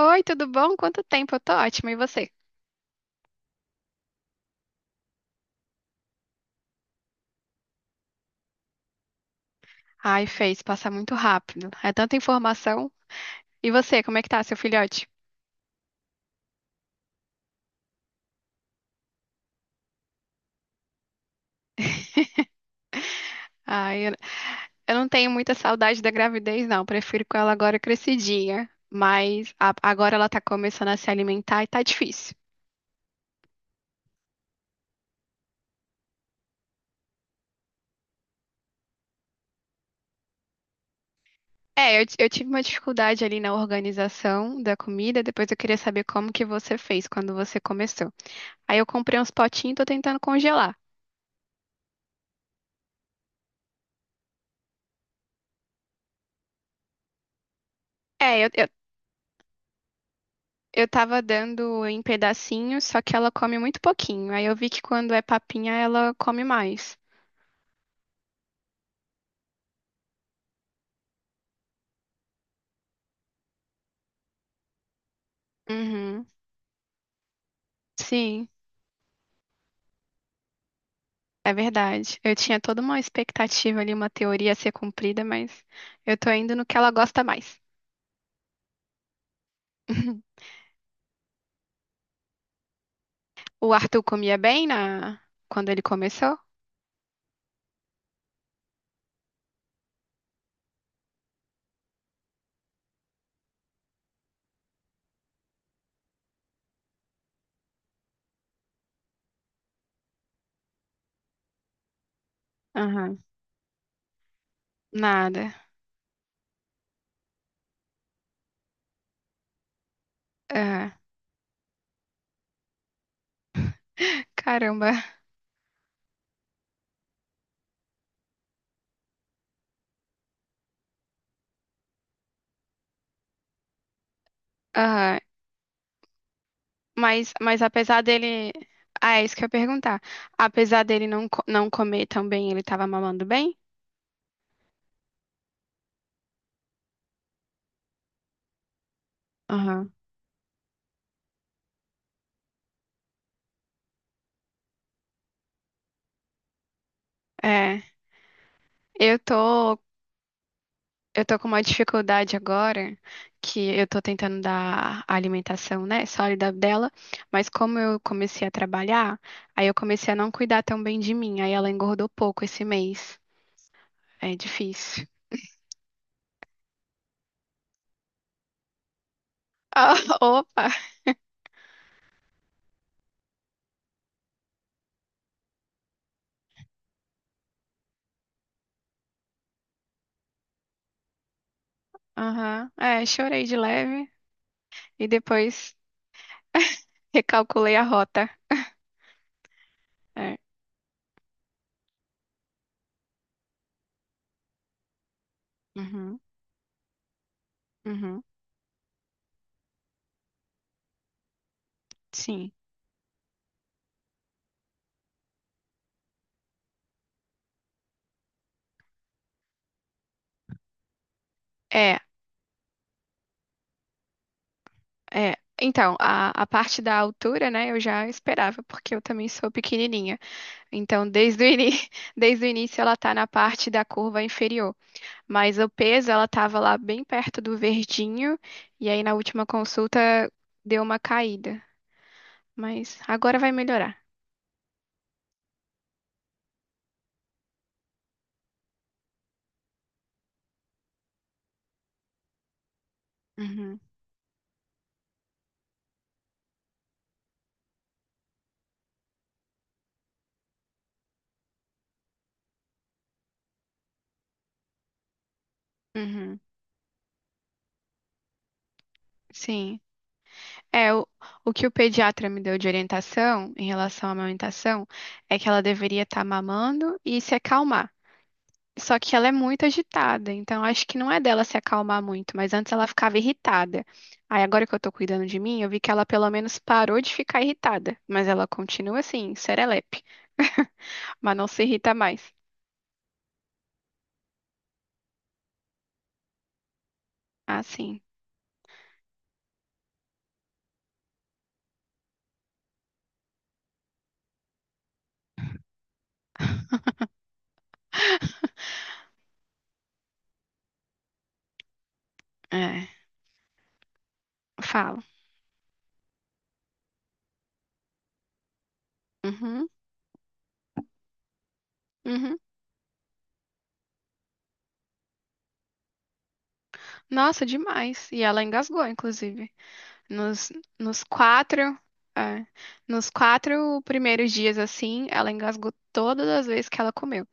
Oi, tudo bom? Quanto tempo? Eu tô ótima. E você? Ai, fez passar muito rápido. É tanta informação. E você, como é que tá, seu filhote? Ai, eu não tenho muita saudade da gravidez, não. Prefiro com ela agora crescidinha. Mas agora ela tá começando a se alimentar e tá difícil. É, eu tive uma dificuldade ali na organização da comida. Depois eu queria saber como que você fez quando você começou. Aí eu comprei uns potinhos e tô tentando congelar. É, eu tava dando em pedacinhos, só que ela come muito pouquinho. Aí eu vi que quando é papinha, ela come mais. Uhum. Sim, é verdade. Eu tinha toda uma expectativa ali, uma teoria a ser cumprida, mas eu tô indo no que ela gosta mais. O Arthur comia bem quando ele começou? Aham. Nada. Aham. Caramba. Aham. Mas apesar dele. Ah, é isso que eu ia perguntar. Apesar dele não comer tão bem, ele tava mamando bem? É, eu tô, eu tô com uma dificuldade agora, que eu tô tentando dar a alimentação, né, sólida dela, mas como eu comecei a trabalhar, aí eu comecei a não cuidar tão bem de mim, aí ela engordou pouco esse mês. É difícil. Ah, opa! Aham, é, chorei de leve e depois recalculei a rota. É. Uhum, uhum, sim. É, é. Então, a parte da altura, né, eu já esperava, porque eu também sou pequenininha. Então, desde o início ela tá na parte da curva inferior, mas o peso ela tava lá bem perto do verdinho e aí na última consulta deu uma caída, mas agora vai melhorar. Uhum, uhum, sim. É, o que o pediatra me deu de orientação em relação à amamentação é que ela deveria estar mamando e se acalmar. Só que ela é muito agitada, então acho que não é dela se acalmar muito, mas antes ela ficava irritada. Aí agora que eu tô cuidando de mim, eu vi que ela pelo menos parou de ficar irritada, mas ela continua assim, serelepe, mas não se irrita mais. Ah, sim. É, falo. Uhum, uhum. Nossa, demais. E ela engasgou, inclusive. Nos, nos quatro, é, nos quatro primeiros dias, assim, ela engasgou todas as vezes que ela comeu.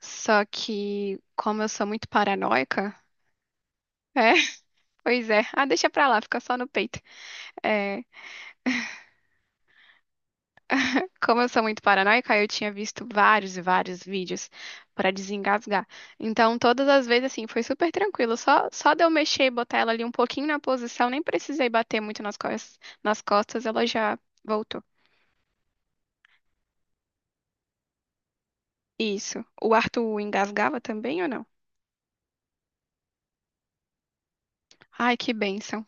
Só que, como eu sou muito paranoica, é, pois é. Ah, deixa pra lá, fica só no peito. É, como eu sou muito paranoica, eu tinha visto vários e vários vídeos pra desengasgar. Então, todas as vezes, assim, foi super tranquilo. Só de eu mexer e botar ela ali um pouquinho na posição, nem precisei bater muito nas costas, ela já voltou. Isso. O Arthur engasgava também ou não? Ai, que bênção.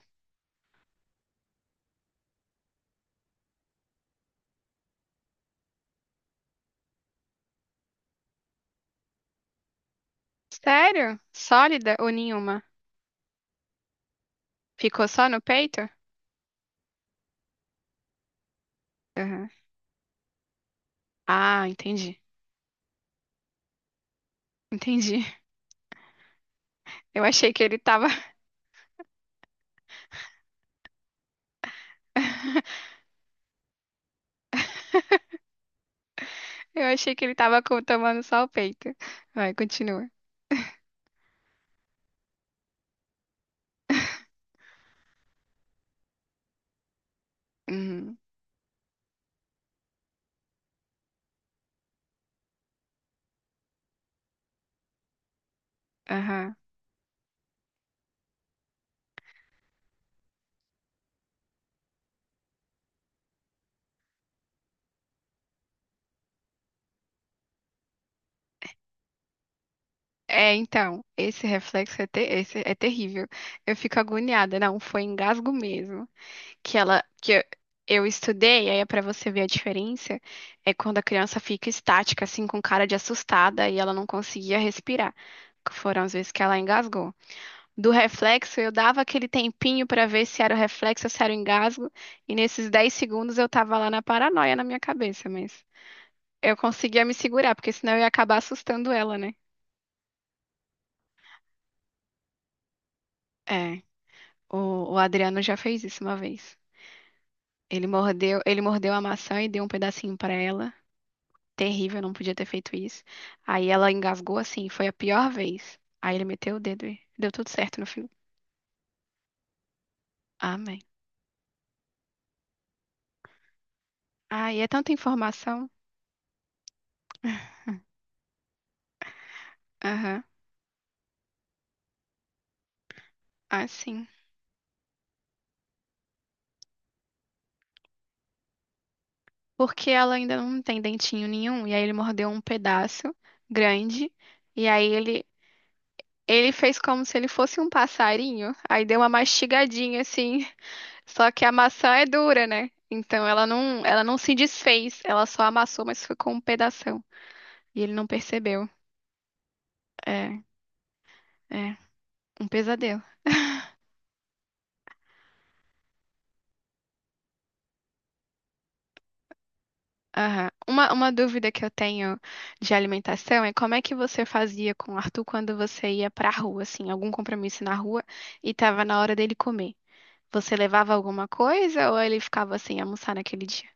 Sério? Sólida ou nenhuma? Ficou só no peito? Aham. Ah, entendi. Entendi. Eu achei que ele tava. Eu achei que ele tava tomando só o peito. Vai, continua. Uhum. Aham. É, então, esse reflexo esse é terrível. Eu fico agoniada. Não, foi engasgo mesmo. Que ela, que eu estudei, aí é pra você ver a diferença, é quando a criança fica estática, assim, com cara de assustada e ela não conseguia respirar. Foram as vezes que ela engasgou. Do reflexo, eu dava aquele tempinho para ver se era o reflexo ou se era o engasgo, e nesses 10 segundos eu tava lá na paranoia na minha cabeça, mas eu conseguia me segurar, porque senão eu ia acabar assustando ela, né? É, o, o Adriano já fez isso uma vez. Ele mordeu a maçã e deu um pedacinho pra ela. Terrível, não podia ter feito isso. Aí ela engasgou assim, foi a pior vez. Aí ele meteu o dedo e deu tudo certo no fim. Amém. Ai, é tanta informação. Aham. Ah, sim. Porque ela ainda não tem dentinho nenhum, e aí ele mordeu um pedaço grande, e aí ele fez como se ele fosse um passarinho, aí deu uma mastigadinha assim, só que a maçã é dura, né? Então ela não se desfez, ela só amassou, mas ficou um pedação, e ele não percebeu. É, é um pesadelo. Aham. Uma dúvida que eu tenho de alimentação é como é que você fazia com o Arthur quando você ia pra rua, assim, algum compromisso na rua e tava na hora dele comer? Você levava alguma coisa ou ele ficava sem almoçar naquele dia?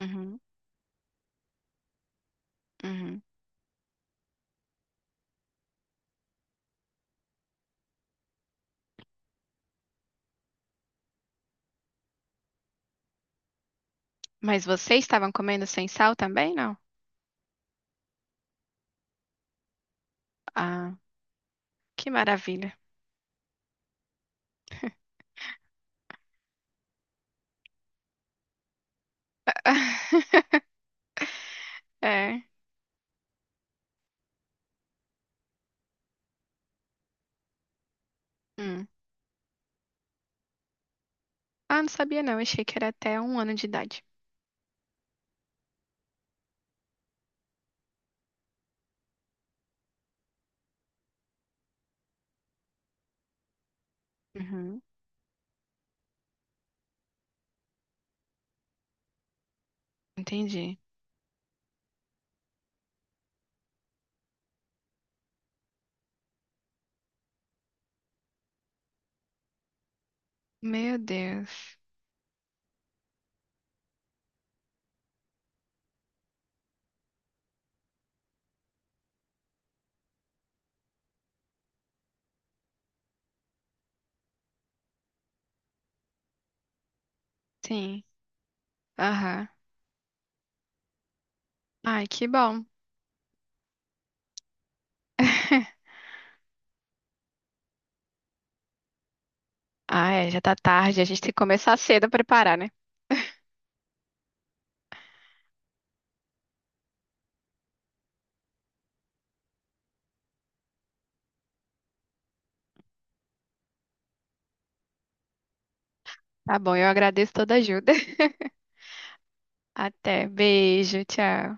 Uhum, uhum. Mas vocês estavam comendo sem sal também, não? Ah, que maravilha. É. Hum. Ah, não sabia não. Achei que era até 1 ano de idade. Uhum. Entendi. Meu Deus. Sim. Aham. Ai, que bom. Ah, é, já tá tarde. A gente tem que começar cedo a preparar, né? Tá bom, eu agradeço toda a ajuda. Até. Beijo, tchau.